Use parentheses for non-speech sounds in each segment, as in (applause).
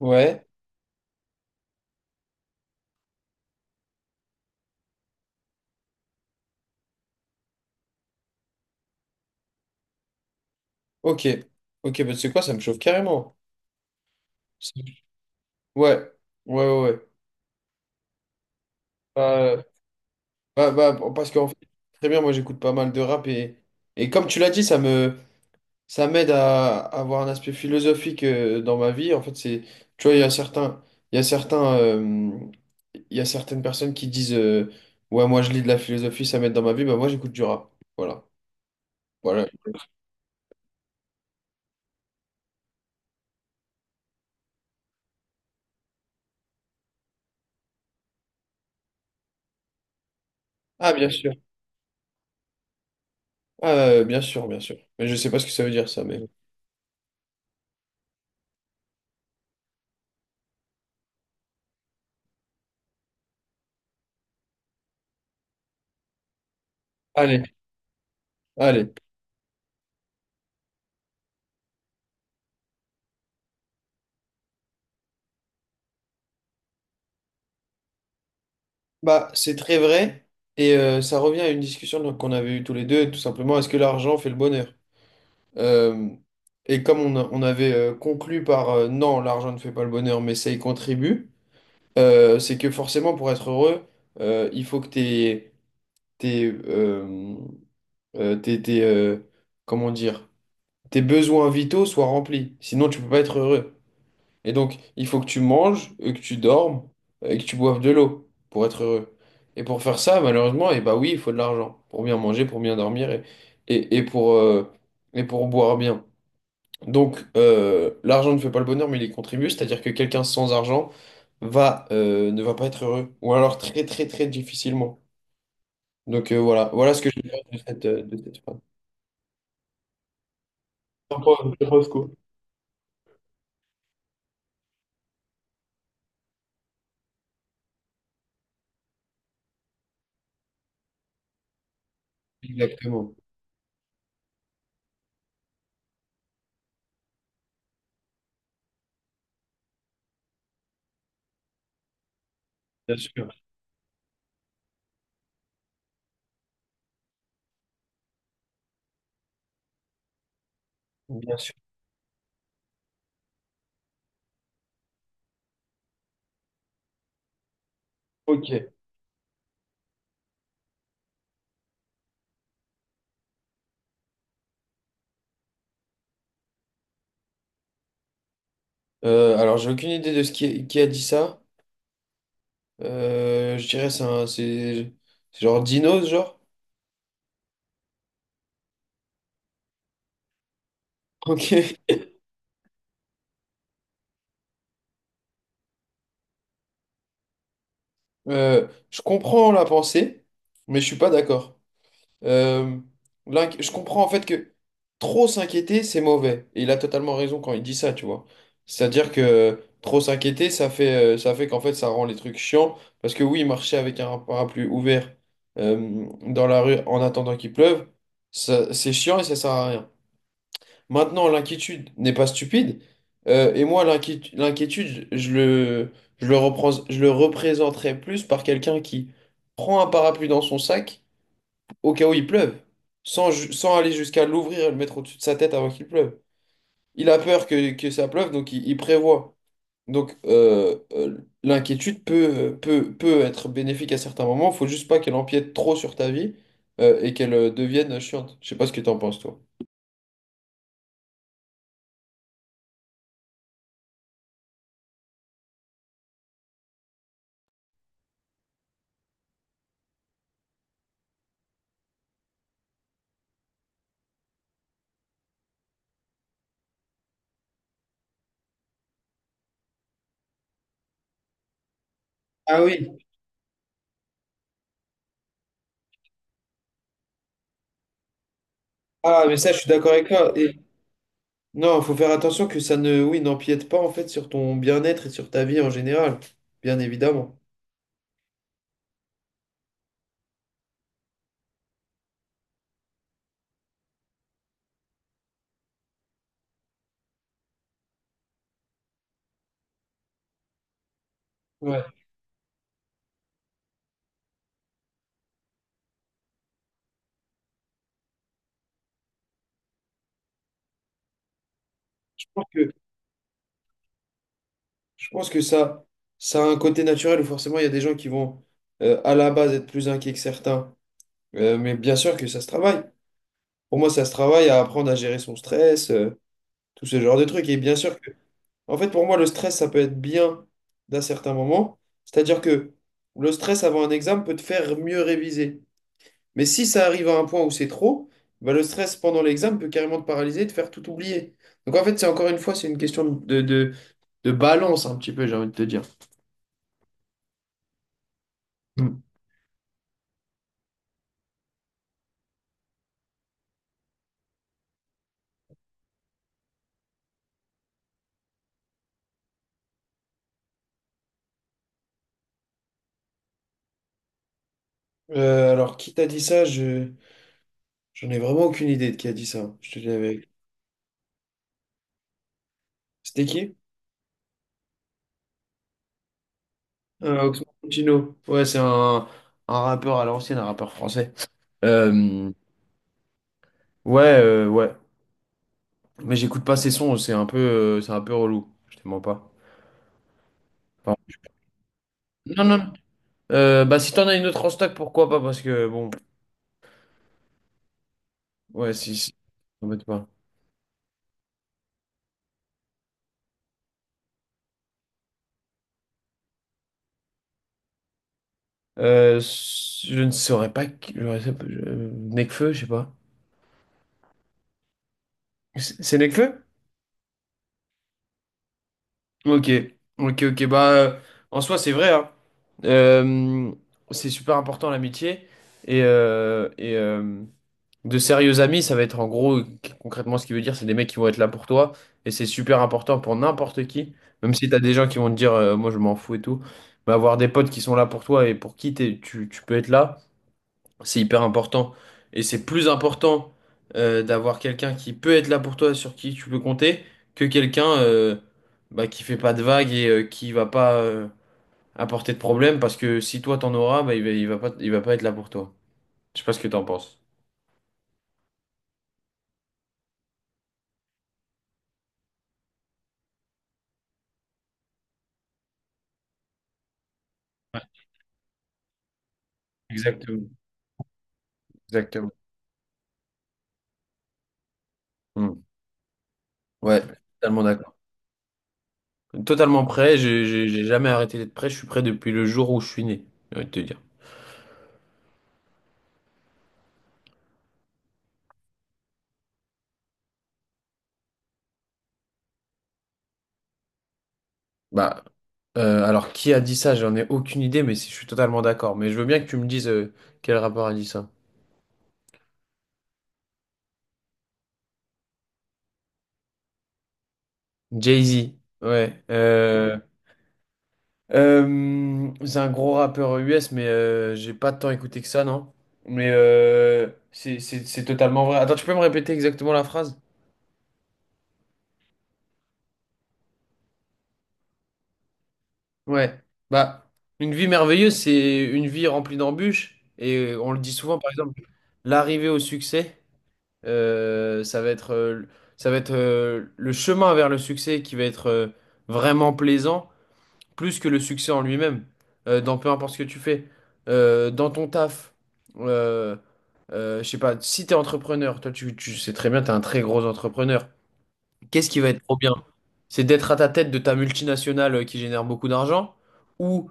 Ouais, ok. Ok, bah, tu sais quoi, ça me chauffe carrément. C'est- Ouais, ouais, ouais. Ouais. Euh, bah, bon, parce qu'en fait, très bien, moi j'écoute pas mal de rap et comme tu l'as dit, ça m'aide à avoir un aspect philosophique dans ma vie. En fait, tu vois, il y a certains, il y a certains, il y a certaines personnes qui disent, ouais, moi je lis de la philosophie, ça m'aide dans ma vie. Bah, moi j'écoute du rap. Voilà, voilà. Ah, bien sûr. Ah, bien sûr, bien sûr. Mais je sais pas ce que ça veut dire, ça, mais bon. Allez, allez. Bah, c'est très vrai, et ça revient à une discussion donc, qu'on avait eue tous les deux, tout simplement, est-ce que l'argent fait le bonheur? Euh, et comme on avait conclu par non, l'argent ne fait pas le bonheur, mais ça y contribue, c'est que forcément, pour être heureux, il faut que tes, euh, euh, tes, tes, euh, comment dire, tes besoins vitaux soient remplis, sinon tu peux pas être heureux. Et donc, il faut que tu manges, et que tu dormes, et que tu boives de l'eau pour être heureux. Et pour faire ça, malheureusement, et bah oui, il faut de l'argent pour bien manger, pour bien dormir et, et pour, euh, et pour boire bien. Donc, l'argent ne fait pas le bonheur, mais il y contribue, c'est-à-dire que quelqu'un sans argent ne va pas être heureux, ou alors très, très, très difficilement. Donc, voilà, voilà ce que je pense de de cette phrase. T'en penses quoi? Exactement, bien sûr, bien sûr. Ok. Alors, j'ai aucune idée de ce qui a dit ça. Je dirais c'est genre dinos, genre. (laughs) Ok. Je comprends la pensée, mais je suis pas d'accord. Euh, je comprends en fait que trop s'inquiéter, c'est mauvais. Et il a totalement raison quand il dit ça, tu vois. C'est-à-dire que trop s'inquiéter, ça fait qu'en fait, ça rend les trucs chiants. Parce que oui, marcher avec un parapluie ouvert dans la rue en attendant qu'il pleuve, c'est chiant et ça sert à rien. Maintenant, l'inquiétude n'est pas stupide. Et moi, l'inquiétude, je le représenterais plus par quelqu'un qui prend un parapluie dans son sac au cas où il pleuve, sans aller jusqu'à l'ouvrir et le mettre au-dessus de sa tête avant qu'il pleuve. Il a peur que ça pleuve, donc il prévoit. Donc, l'inquiétude peut être bénéfique à certains moments. Faut juste pas qu'elle empiète trop sur ta vie, et qu'elle devienne chiante. Je sais pas ce que t'en penses, toi. Ah oui, ah mais ça je suis d'accord avec toi. Et non, il faut faire attention que ça ne, oui, n'empiète pas en fait sur ton bien-être et sur ta vie en général, bien évidemment. Ouais. Je pense que, je pense que ça a un côté naturel où forcément il y a des gens qui vont à la base être plus inquiets que certains. Mais bien sûr que ça se travaille. Pour moi, ça se travaille à apprendre à gérer son stress, tout ce genre de trucs. Et bien sûr que, en fait, pour moi, le stress, ça peut être bien d'un certain moment. C'est-à-dire que le stress avant un examen peut te faire mieux réviser. Mais si ça arrive à un point où c'est trop, bah, le stress pendant l'examen peut carrément te paralyser, te faire tout oublier. Donc en fait, c'est encore une fois, c'est une question de balance un petit peu, j'ai envie de te dire. Mm. Alors, qui t'a dit ça? J'en ai vraiment aucune idée de qui a dit ça. Je te dis avec. C'était qui? Oxmo Puccino. Ouais, c'est un rappeur à l'ancienne, un rappeur français. Euh, ouais, ouais. Mais j'écoute pas ses sons, c'est un peu relou. Je te mens pas. Enfin, non, non. Non. Bah si t'en as une autre en stock, pourquoi pas? Parce que bon. Ouais, si, si, t'embête pas. Euh, je ne saurais pas. Qui- je sais pas, je- Nekfeu, je sais pas. C'est Nekfeu? Ok, ok, ok. Bah, en soi, c'est vrai, hein. Euh, c'est super important l'amitié. Et, euh, et euh, de sérieux amis, ça va être en gros, concrètement, ce qui veut dire, c'est des mecs qui vont être là pour toi. Et c'est super important pour n'importe qui. Même si t'as des gens qui vont te dire, moi, je m'en fous et tout. Mais avoir des potes qui sont là pour toi et pour qui tu peux être là. C'est hyper important. Et c'est plus important d'avoir quelqu'un qui peut être là pour toi, sur qui tu peux compter, que quelqu'un bah, qui fait pas de vagues et qui va pas apporter de problème, parce que si toi t'en auras, bah, il va pas être là pour toi. Je sais pas ce que t'en penses. Exactement, exactement. Hmm. Ouais, totalement d'accord. Totalement prêt, j'ai jamais arrêté d'être prêt, je suis prêt depuis le jour où je suis né, j'ai envie de te dire. Bah, alors qui a dit ça? J'en ai aucune idée, je suis totalement d'accord. Mais je veux bien que tu me dises quel rappeur a dit ça. Jay-Z, ouais. C'est un gros rappeur US, mais j'ai pas tant écouté que ça, non? Mais c'est totalement vrai. Attends, tu peux me répéter exactement la phrase? Ouais. Bah, une vie merveilleuse, c'est une vie remplie d'embûches. Et on le dit souvent, par exemple, l'arrivée au succès. Euh, ça va être, euh, Ça va être le chemin vers le succès qui va être vraiment plaisant, plus que le succès en lui-même. Dans peu importe ce que tu fais. Dans ton taf, euh, je sais pas, si t'es entrepreneur, toi tu sais très bien, t'es un très gros entrepreneur. Qu'est-ce qui va être trop bien? C'est d'être à ta tête de ta multinationale qui génère beaucoup d'argent ou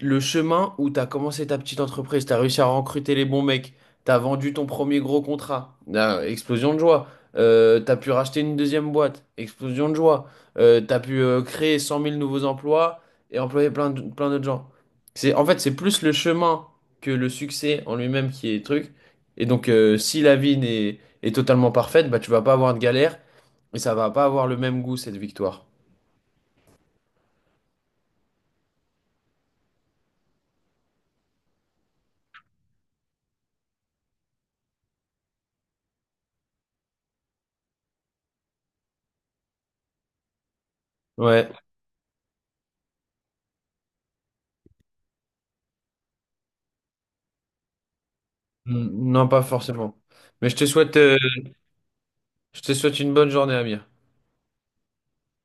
le chemin où tu as commencé ta petite entreprise, tu as réussi à recruter les bons mecs, tu as vendu ton premier gros contrat. Ah, explosion de joie. Tu as pu racheter une deuxième boîte, explosion de joie. Tu as pu créer 100 000 nouveaux emplois et employer plein d'autres gens. C'est plus le chemin que le succès en lui-même qui est truc. Et donc, si la vie n'est, est totalement parfaite, bah, tu vas pas avoir de galère. Mais ça va pas avoir le même goût, cette victoire. Ouais, mm, non, pas forcément. Mais je te souhaite une bonne journée, Amir.